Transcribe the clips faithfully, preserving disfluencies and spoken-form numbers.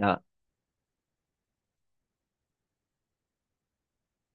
Ah.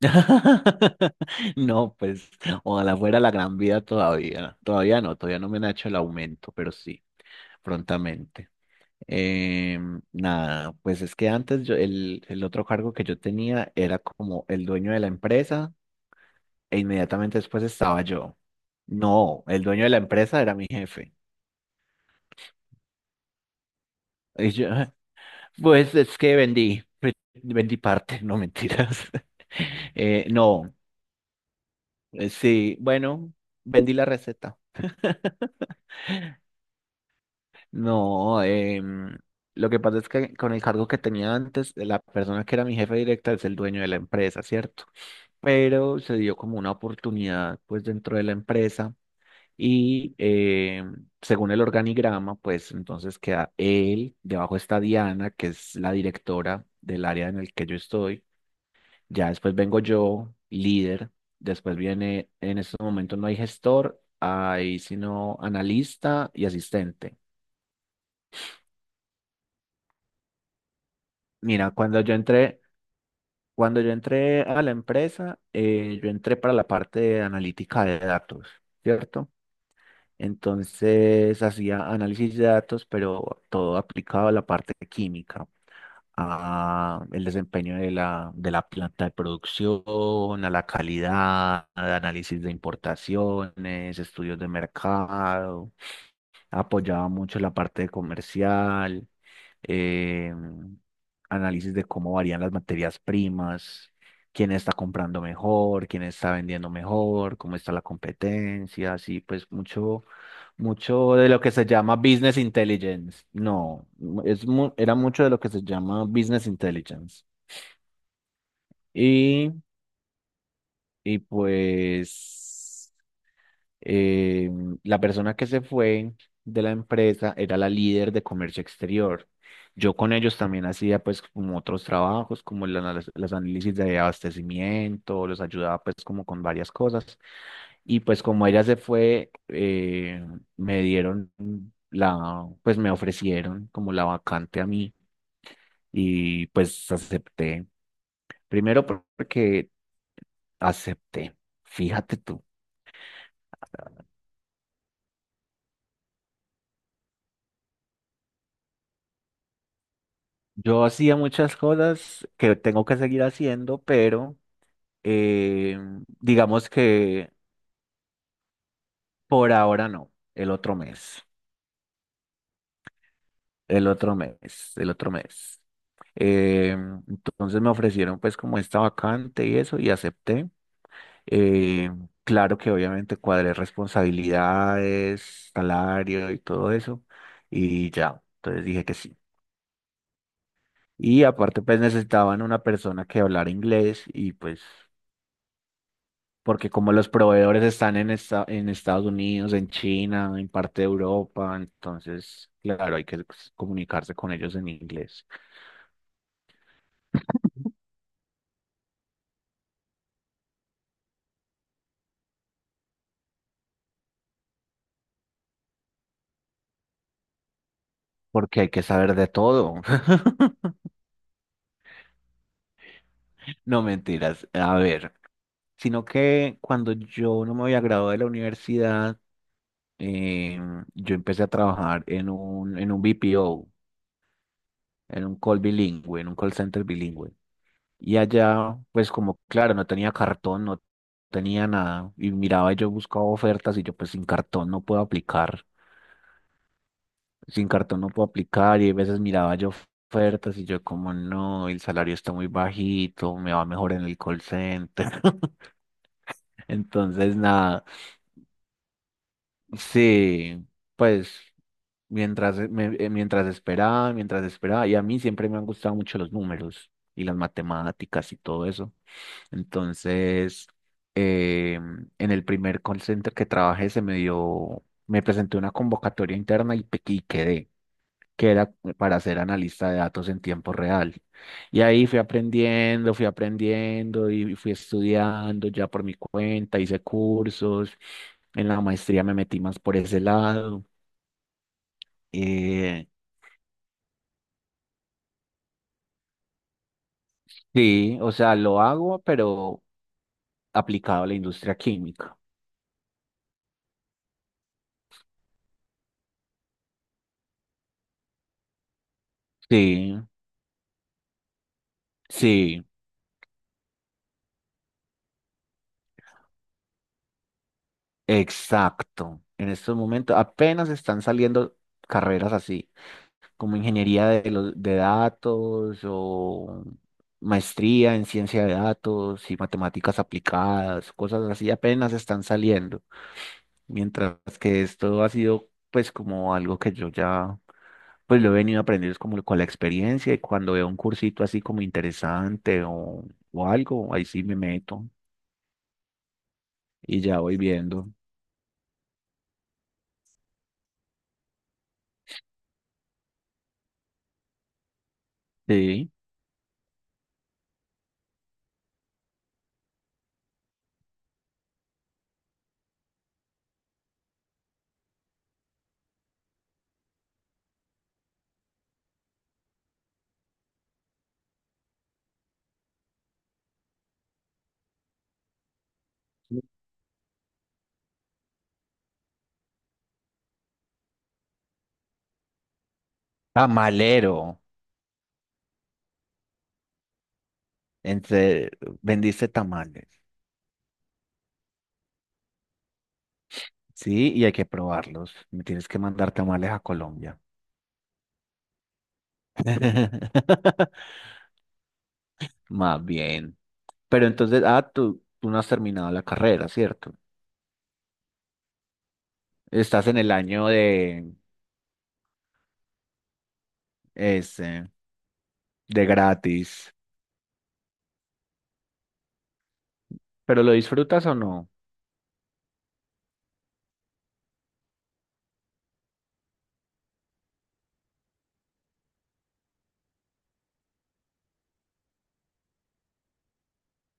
No, pues, ojalá fuera la gran vida todavía. Todavía no, todavía no me han hecho el aumento, pero sí, prontamente. Em, nada, pues es que antes yo, el, el otro cargo que yo tenía era como el dueño de la empresa e inmediatamente después estaba yo. No, el dueño de la empresa era mi jefe. Y yo, pues es que vendí, vendí parte, no mentiras. Eh, no. Eh, Sí, bueno, vendí la receta. No, em, lo que pasa es que con el cargo que tenía antes, la persona que era mi jefe directa es el dueño de la empresa, ¿cierto? Pero se dio como una oportunidad pues dentro de la empresa y em, según el organigrama, pues entonces queda él, debajo está Diana, que es la directora del área en el que yo estoy. Ya después vengo yo, líder. Después viene, en estos momentos no hay gestor, hay sino analista y asistente. Mira, cuando yo entré, cuando yo entré a la empresa, eh, yo entré para la parte de analítica de datos, ¿cierto? Entonces hacía análisis de datos, pero todo aplicado a la parte química, a el desempeño de la, de la planta de producción, a la calidad, a análisis de importaciones, estudios de mercado, apoyaba mucho la parte de comercial, em, análisis de cómo varían las materias primas, quién está comprando mejor, quién está vendiendo mejor, cómo está la competencia, así pues mucho, mucho de lo que se llama business intelligence. No, es, mu- era mucho de lo que se llama business intelligence. Y, y pues... eh, la persona que se fue de la empresa era la líder de comercio exterior. Yo con ellos también hacía pues como otros trabajos, como el análisis- los análisis de abastecimiento, los ayudaba pues como con varias cosas. Y pues como ella se fue, eh, me dieron la, pues me ofrecieron como la vacante a mí y pues acepté. Primero porque acepté. Fíjate tú. Yo hacía muchas cosas que tengo que seguir haciendo, pero eh, digamos que por ahora no, el otro mes, el otro mes, el otro mes. Eh, entonces me ofrecieron pues como esta vacante y eso y acepté. Eh, claro que obviamente cuadré responsabilidades, salario y todo eso y ya, entonces dije que sí. Y aparte pues necesitaban una persona que hablara inglés y pues... porque como los proveedores están en, esta- en Estados Unidos, en China, en parte de Europa, entonces, claro, hay que pues, comunicarse con ellos en inglés, porque hay que saber de todo. No mentiras, a ver, sino que cuando yo no me había graduado de la universidad, eh, yo empecé a trabajar en un, en un B P O, en un call bilingüe, en un call center bilingüe. Y allá, pues como, claro, no tenía cartón, no tenía nada. Y miraba, yo buscaba ofertas y yo pues sin cartón no puedo aplicar. Sin cartón no puedo aplicar. Y a veces miraba yo ofertas y yo como, no, el salario está muy bajito, me va mejor en el call center. Entonces, nada, sí, pues mientras, eh, me- eh, mientras esperaba, mientras esperaba. Y a mí siempre me han gustado mucho los números y las matemáticas y todo eso. Entonces, eh, en el primer call center que trabajé se me dio, me presenté una convocatoria interna y, pe- y quedé, que era para ser analista de datos en tiempo real. Y ahí fui aprendiendo, fui aprendiendo y fui estudiando ya por mi cuenta, hice cursos, en la maestría me metí más por ese lado. Eh, sí, o sea, lo hago, pero aplicado a la industria química. Sí, sí. Exacto. En estos momentos apenas están saliendo carreras así, como ingeniería de, los, de datos o maestría en ciencia de datos y matemáticas aplicadas, cosas así apenas están saliendo. Mientras que esto ha sido pues como algo que yo ya pues lo he venido aprendiendo es como con la experiencia y cuando veo un cursito así como interesante o, o algo, ahí sí me meto y ya voy viendo. Sí. Tamalero. Entre, vendiste tamales. Sí, y hay que probarlos. Me tienes que mandar tamales a Colombia. Más bien. Pero entonces, ah, tú, tú no has terminado la carrera, ¿cierto? Estás en el año de ese, de gratis. ¿Pero lo disfrutas o no?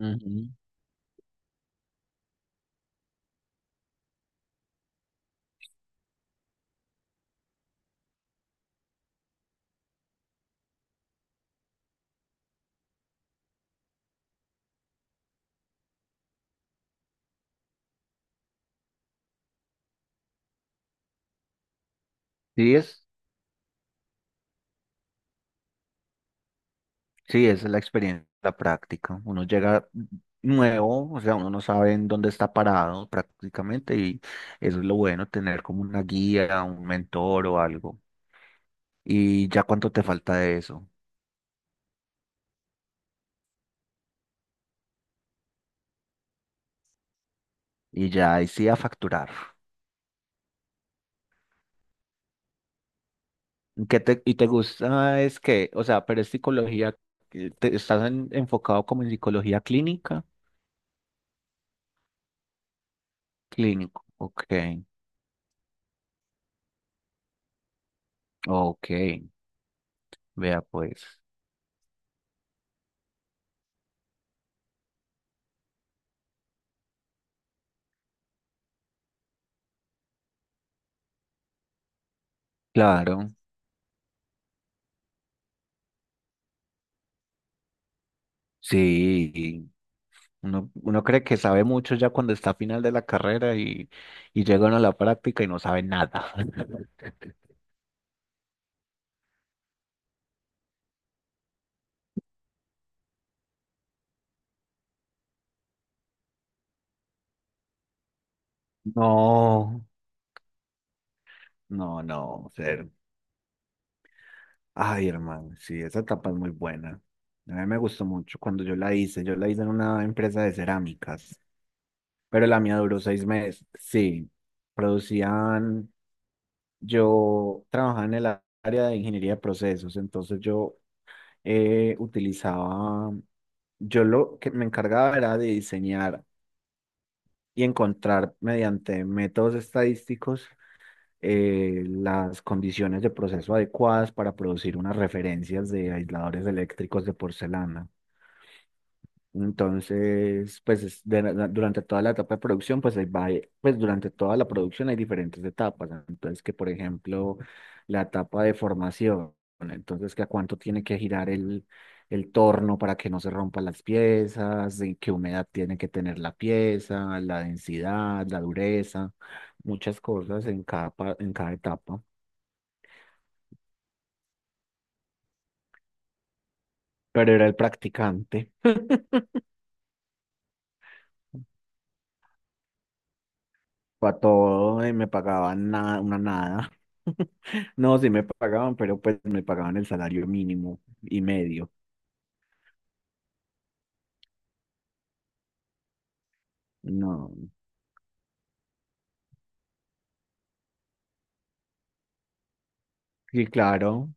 Ujú. ¿Sí es? Sí, esa es la experiencia, la práctica. Uno llega nuevo, o sea, uno no sabe en dónde está parado prácticamente y eso es lo bueno, tener como una guía, un mentor o algo. Y ya cuánto te falta de eso. Y ya ahí sí a facturar. ¿Qué te, y te gusta es que, o sea, pero es psicología, eh, te, estás en- enfocado como en psicología clínica? Clínico, ok, ok, vea pues. Claro, sí, Uno, uno cree que sabe mucho ya cuando está a final de la carrera y, y llegan a la práctica y no sabe nada. No, no, no. ser- Ay, hermano, sí, esa etapa es muy buena. A mí me gustó mucho cuando yo la hice. Yo la hice en una empresa de cerámicas, pero la mía duró seis meses. Sí, producían, yo trabajaba en el a- área de ingeniería de procesos, entonces yo eh, utilizaba, yo lo que me encargaba era de diseñar y encontrar mediante métodos estadísticos eh, las condiciones de proceso adecuadas para producir unas referencias de aisladores eléctricos de porcelana. Entonces, pues es de la- durante toda la etapa de producción, pues, ahí va, eh, pues durante toda la producción hay diferentes etapas. Entonces, que por ejemplo, la etapa de formación, entonces que a cuánto tiene que girar el, el torno para que no se rompan las piezas, y qué humedad tiene que tener la pieza, la densidad, la dureza, muchas cosas en cada, pa- en cada etapa. Pero era el practicante. Para todo y me pagaban nada, una nada. No, sí me pagaban, pero pues me pagaban el salario mínimo y medio. No, sí, claro.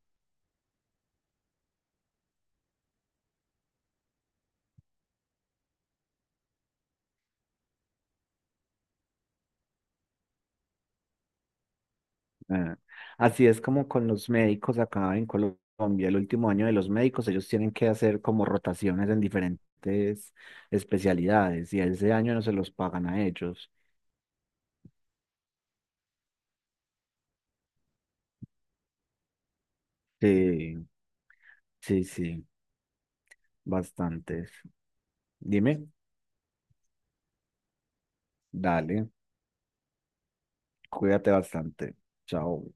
eh, Así es como con los médicos acá en Colombia, el último año de los médicos, ellos tienen que hacer como rotaciones en diferentes especialidades y ese año no se los pagan a ellos. Sí, sí, sí, bastantes. Dime, dale, cuídate bastante. Chao.